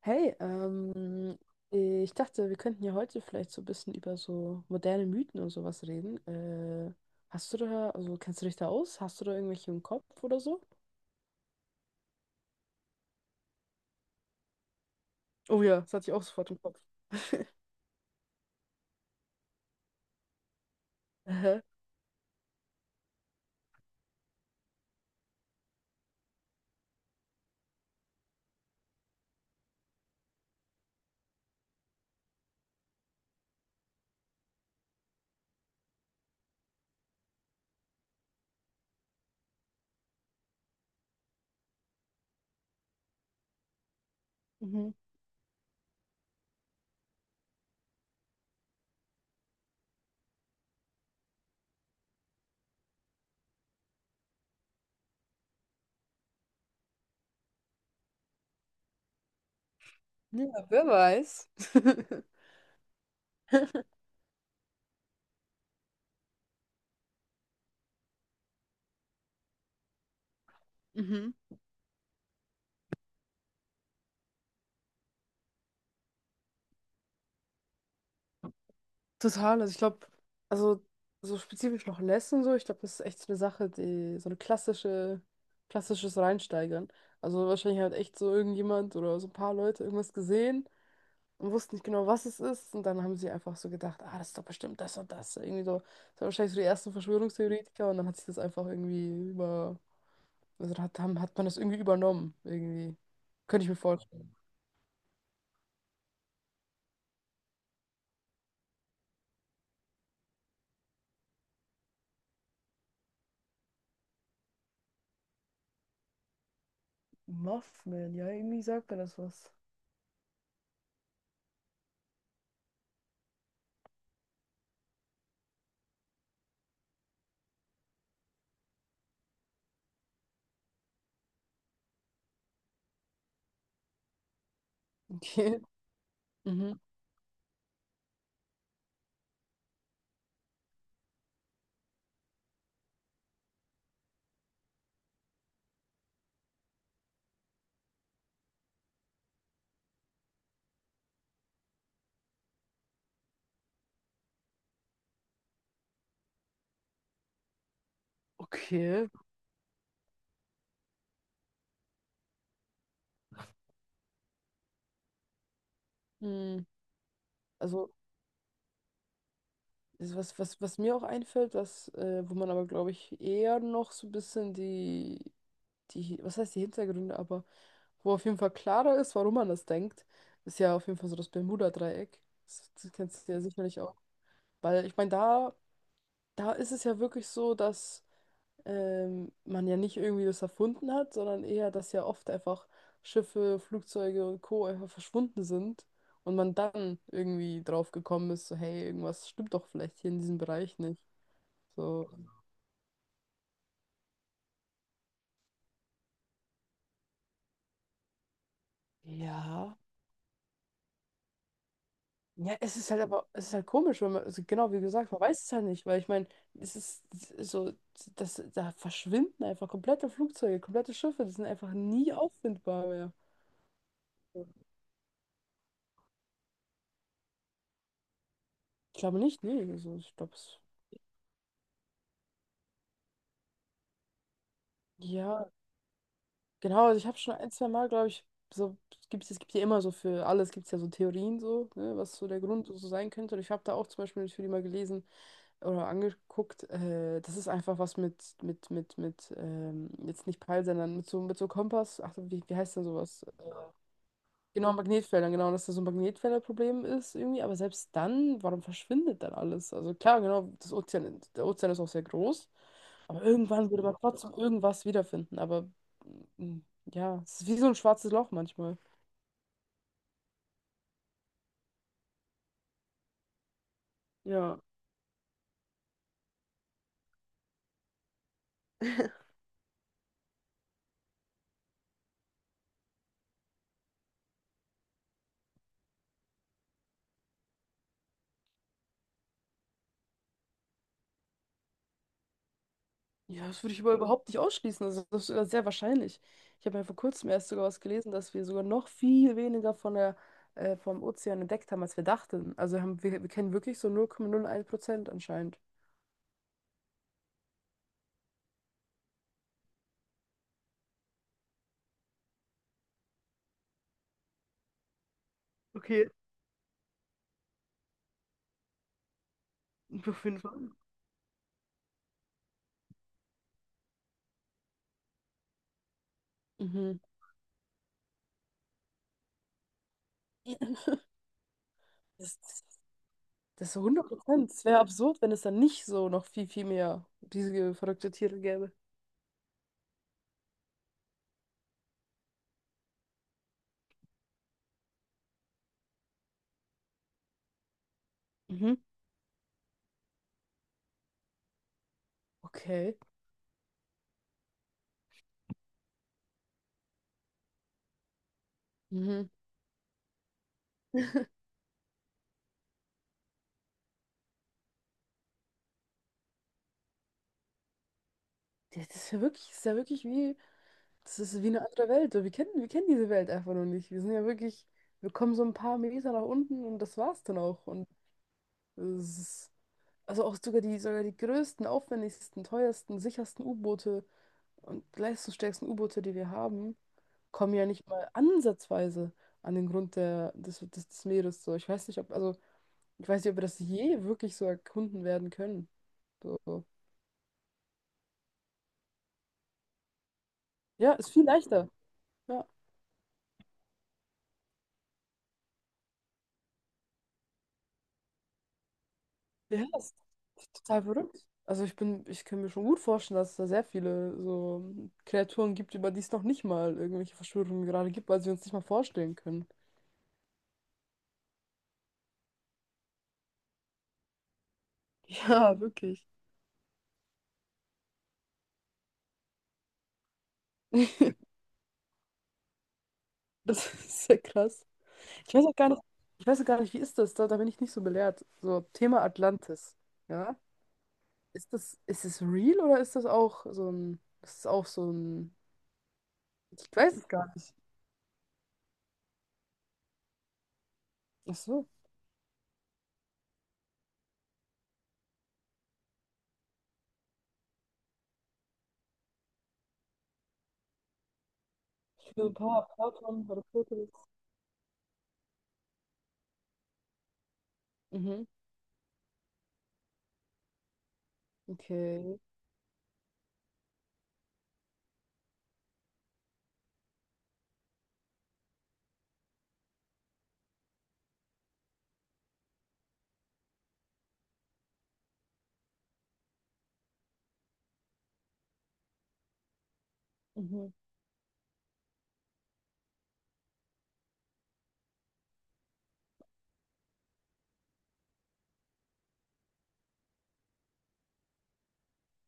Hey, ich dachte, wir könnten ja heute vielleicht so ein bisschen über so moderne Mythen und sowas reden. Hast du da, also kennst du dich da aus? Hast du da irgendwelche im Kopf oder so? Oh ja, das hatte ich auch sofort im Kopf. Aha. Mhm. Ja, wer weiß. Mhm. Total, also ich glaube, also so spezifisch noch Les und so, ich glaube, das ist echt so eine Sache, die so eine klassisches Reinsteigern. Also wahrscheinlich hat echt so irgendjemand oder so ein paar Leute irgendwas gesehen und wussten nicht genau, was es ist. Und dann haben sie einfach so gedacht, ah, das ist doch bestimmt das und das. Irgendwie so, das waren wahrscheinlich so die ersten Verschwörungstheoretiker und dann hat sich das einfach irgendwie über, also hat, haben, hat man das irgendwie übernommen, irgendwie. Könnte ich mir vorstellen. Muffman, ja, irgendwie sagt mir das was. Okay. Mhm. Okay. Hm. Also Also was, was mir auch einfällt, was, wo man aber, glaube ich, eher noch so ein bisschen die was heißt die Hintergründe, aber wo auf jeden Fall klarer ist, warum man das denkt, ist ja auf jeden Fall so das Bermuda-Dreieck. Das kennst du ja sicherlich auch. Weil ich meine, da ist es ja wirklich so, dass man ja nicht irgendwie das erfunden hat, sondern eher, dass ja oft einfach Schiffe, Flugzeuge und Co. einfach verschwunden sind und man dann irgendwie drauf gekommen ist, so hey, irgendwas stimmt doch vielleicht hier in diesem Bereich nicht. So, ja. Ja, es ist halt aber, es ist halt komisch, wenn man, also genau wie gesagt, man weiß es halt nicht, weil ich meine, es ist so, das, da verschwinden einfach komplette Flugzeuge, komplette Schiffe, die sind einfach nie auffindbar mehr. Ich glaube nicht, nee, also ich glaube es. Ja, genau, also ich habe schon ein, zwei Mal, glaube ich, so, es gibt ja immer so für alles, gibt es ja so Theorien so, ne, was so der Grund so sein könnte. Und ich habe da auch zum Beispiel natürlich mal gelesen, oder angeguckt. Das ist einfach was mit, jetzt nicht Peil, sondern mit so Kompass. Ach, so, wie heißt denn sowas? Genau, Magnetfeldern, genau, dass da so ein Magnetfelderproblem ist irgendwie. Aber selbst dann, warum verschwindet dann alles? Also klar, genau, das Ozean, der Ozean ist auch sehr groß. Aber irgendwann würde man trotzdem irgendwas wiederfinden. Aber mm, ja, es ist wie so ein schwarzes Loch manchmal. Ja. Ja, das würde ich aber überhaupt nicht ausschließen. Also, das ist sogar sehr wahrscheinlich. Ich habe ja vor kurzem erst sogar was gelesen, dass wir sogar noch viel weniger von der, vom Ozean entdeckt haben, als wir dachten. Also haben, wir kennen wirklich so 0,01% anscheinend. Okay, auf jeden Fall. Mhm. Das, das das ist so 100%. Es wäre absurd, wenn es dann nicht so noch viel, viel mehr diese verrückte Tiere gäbe. Mhm. Okay. Mhm. Ja, das ist ja wirklich, das ist ja wirklich wie, das ist wie eine andere Welt. So wir kennen diese Welt einfach noch nicht. Wir sind ja wirklich, wir kommen so ein paar Meter nach unten und das war's dann auch. Und es ist, also auch sogar die größten, aufwendigsten, teuersten, sichersten U-Boote und leistungsstärksten U-Boote, die wir haben, kommen ja nicht mal ansatzweise an den Grund des Meeres. So, ich weiß nicht, ob, also, ich weiß nicht, ob wir das je wirklich so erkunden werden können. So. Ja, ist viel leichter. Ja. Ja, das ist total verrückt. Also ich bin, ich kann mir schon gut vorstellen, dass es da sehr viele so Kreaturen gibt, über die es noch nicht mal irgendwelche Verschwörungen gerade gibt, weil sie uns nicht mal vorstellen können. Ja, wirklich. Das ist sehr krass. Ich weiß auch gar nicht, ich weiß auch gar nicht, wie ist das? Da bin ich nicht so belehrt. So, Thema Atlantis. Ja? Ist das, ist es real oder ist das auch so ein, das ist auch so ein, ich weiß es gar nicht. Ach so. Für ein paar Platon oder Fotos. Mhm. Okay. Mhm.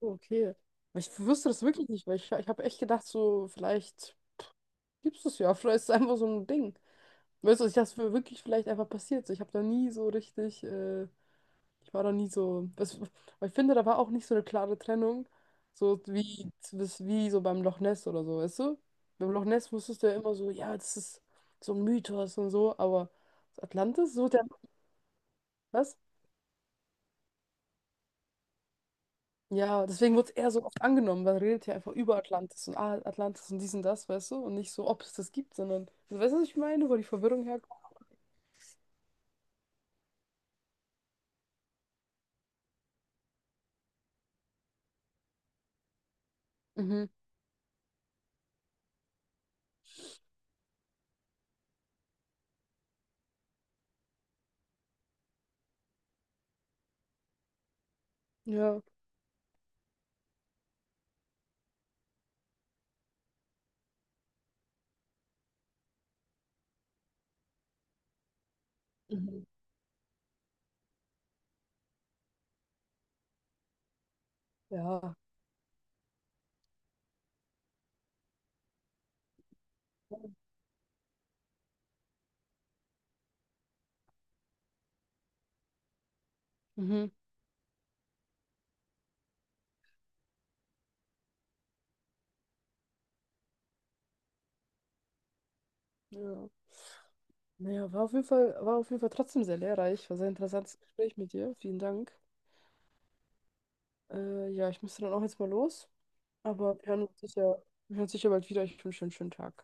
Okay. Aber ich wusste das wirklich nicht, weil ich habe echt gedacht, so, vielleicht gibt es das ja, vielleicht ist es einfach so ein Ding. Weißt du, ich dachte, es wäre wirklich vielleicht einfach passiert. So, ich habe da nie so richtig, ich war da nie so. Das, aber ich finde, da war auch nicht so eine klare Trennung, so wie, das- wie so beim Loch Ness oder so, weißt du? Beim Loch Ness wusstest du ja immer so, ja, das ist so ein Mythos und so, aber Atlantis, so der, was? Ja, deswegen wurde es eher so oft angenommen, weil man redet ja einfach über Atlantis und ah, Atlantis und dies und das, weißt du? Und nicht so, ob es das gibt, sondern, also, weißt du, was ich meine, wo die Verwirrung herkommt? Mhm. Ja. Mhm. Ja. Mhm. Ja. Naja, war auf jeden Fall, war auf jeden Fall trotzdem sehr lehrreich. War sehr interessantes Gespräch mit dir. Vielen Dank. Ja, ich müsste dann auch jetzt mal los. Aber wir hören uns sicher, wir hören uns sicher bald wieder. Ich wünsche dir einen schönen Tag.